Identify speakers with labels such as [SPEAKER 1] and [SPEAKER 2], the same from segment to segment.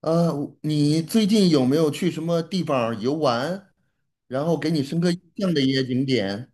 [SPEAKER 1] 呃，你最近有没有去什么地方儿游玩，然后给你深刻印象的一些景点？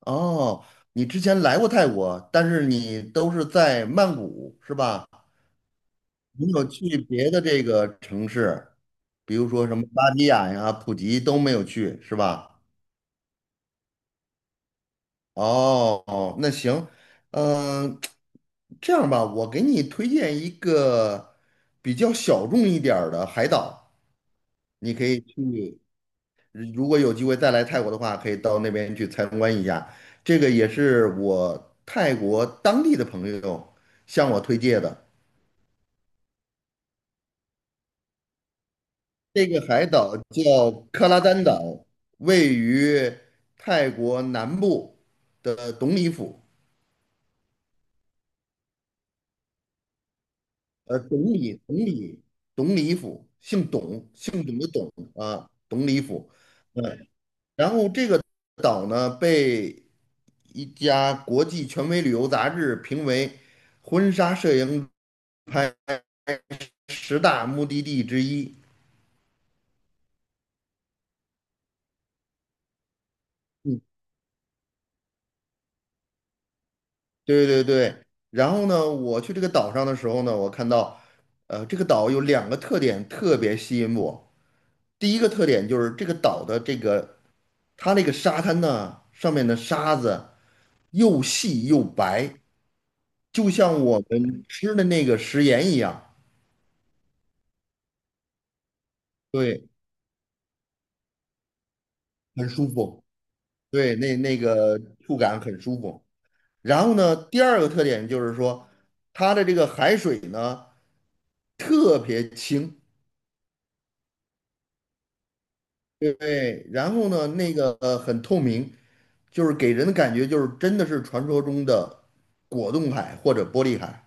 [SPEAKER 1] 哦，你之前来过泰国，但是你都是在曼谷，是吧？没有去别的这个城市，比如说什么芭提雅呀、普吉都没有去，是吧？哦，哦，那行，嗯、这样吧，我给你推荐一个比较小众一点儿的海岛，你可以去。如果有机会再来泰国的话，可以到那边去参观一下。这个也是我泰国当地的朋友向我推荐的。这个海岛叫克拉丹岛，位于泰国南部的董里府。呃，董里，董里，董里府，姓董，姓董的董啊，董里府。嗯。然后这个岛呢，被一家国际权威旅游杂志评为婚纱摄影拍10大目的地之一。嗯，对对对。然后呢，我去这个岛上的时候呢，我看到，这个岛有2个特点特别吸引我。第一个特点就是这个岛的这个它那个沙滩呢，上面的沙子又细又白，就像我们吃的那个食盐一样。对，很舒服，对，那那个触感很舒服。然后呢，第二个特点就是说，它的这个海水呢特别清，对，对。然后呢那个很透明，就是给人的感觉就是真的是传说中的果冻海或者玻璃海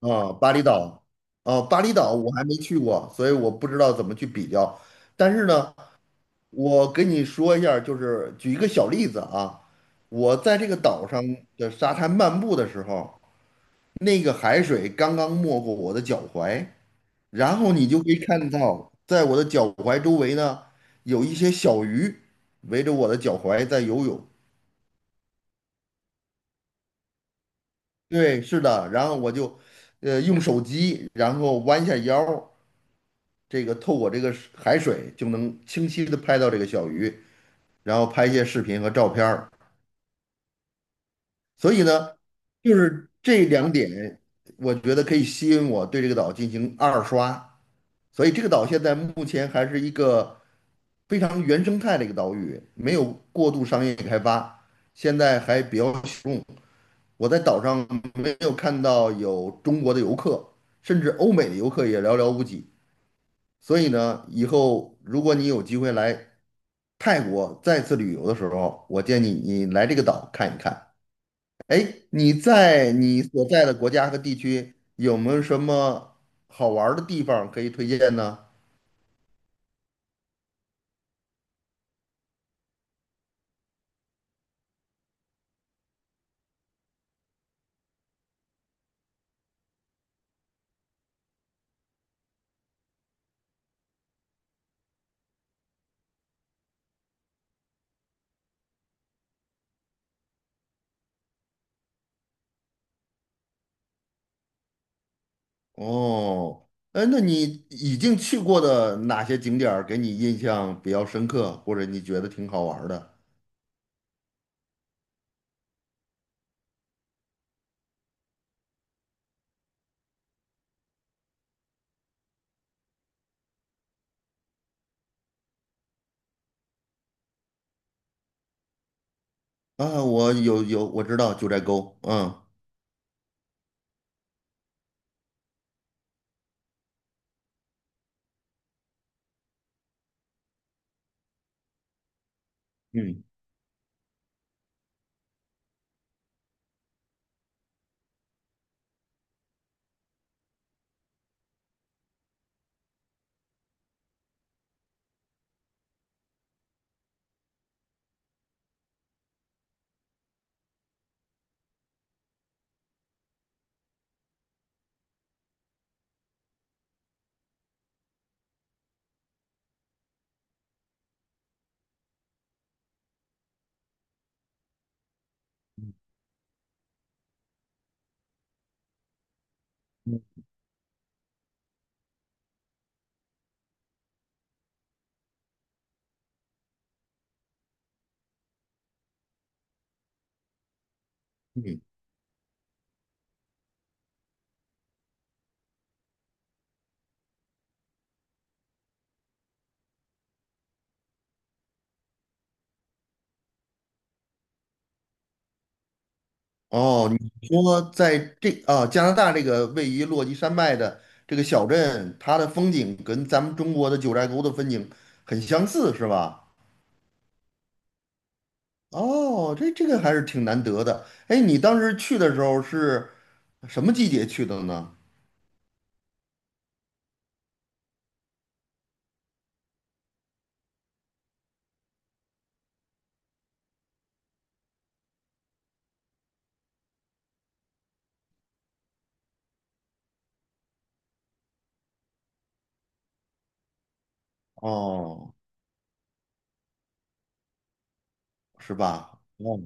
[SPEAKER 1] 啊，巴厘岛啊，巴厘岛我还没去过，所以我不知道怎么去比较。但是呢，我跟你说一下就是举一个小例子啊，我在这个岛上的沙滩漫步的时候，那个海水刚刚没过我的脚踝，然后你就可以看到，在我的脚踝周围呢，有一些小鱼围着我的脚踝在游泳。对，是的，然后我就，用手机，然后弯下腰，这个透过这个海水就能清晰的拍到这个小鱼，然后拍一些视频和照片儿。所以呢，就是这2点，我觉得可以吸引我对这个岛进行二刷。所以这个岛现在目前还是一个非常原生态的一个岛屿，没有过度商业开发，现在还比较小众。我在岛上没有看到有中国的游客，甚至欧美的游客也寥寥无几。所以呢，以后如果你有机会来泰国再次旅游的时候，我建议你来这个岛看一看。哎，你在你所在的国家和地区有没有什么好玩儿的地方可以推荐呢？哦，哎，那你已经去过的哪些景点儿给你印象比较深刻，或者你觉得挺好玩儿的？啊，我有有，我知道九寨沟，嗯嗯嗯嗯，哦，你说在这啊加拿大这个位于落基山脉的这个小镇，它的风景跟咱们中国的九寨沟的风景很相似，是吧？哦，这这个还是挺难得的。哎，你当时去的时候是什么季节去的呢？哦，是吧？哦，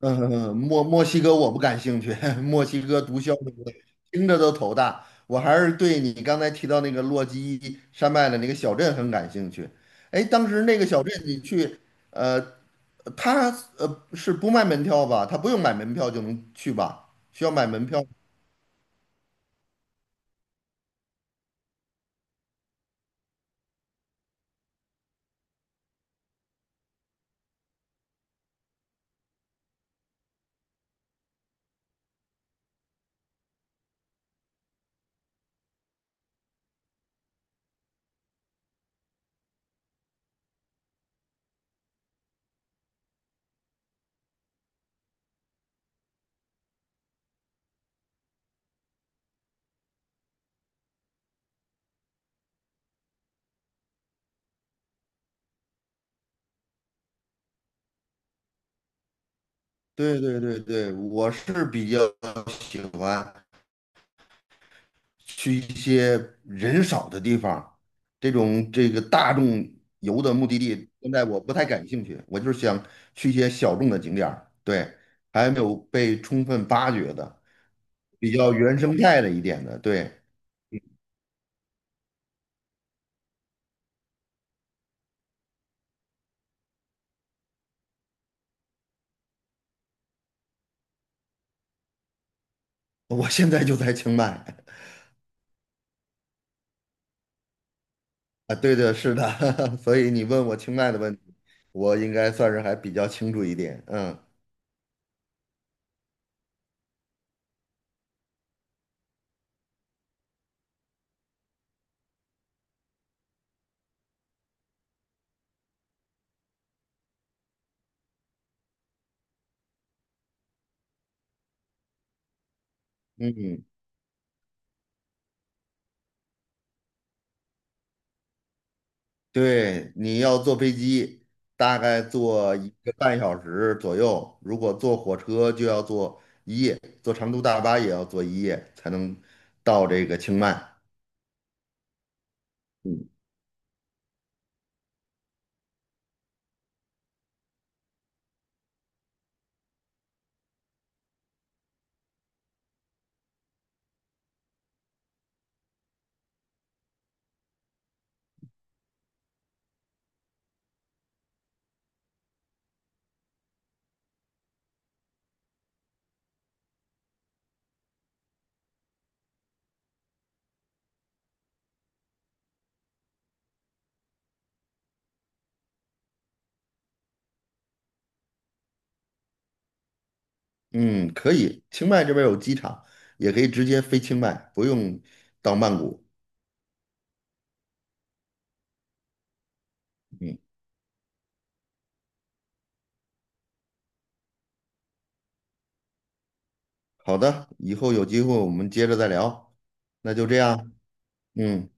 [SPEAKER 1] 嗯，嗯嗯墨西哥我不感兴趣，墨西哥毒枭那个听着都头大。我还是对你刚才提到那个洛基山脉的那个小镇很感兴趣。哎，当时那个小镇你去，呃，他是不卖门票吧？他不用买门票就能去吧？需要买门票？对对对对，我是比较喜欢去一些人少的地方，这种这个大众游的目的地，现在我不太感兴趣，我就是想去一些小众的景点儿对，还没有被充分发掘的，比较原生态的一点的，对，我现在就在清迈 啊，对的，是的，所以你问我清迈的问题，我应该算是还比较清楚一点，嗯嗯。对，你要坐飞机，大概坐1个半小时左右；如果坐火车，就要坐一夜，坐长途大巴也要坐一夜才能到这个清迈。嗯，可以，清迈这边有机场，也可以直接飞清迈，不用到曼谷。嗯，好的，以后有机会我们接着再聊，那就这样。嗯。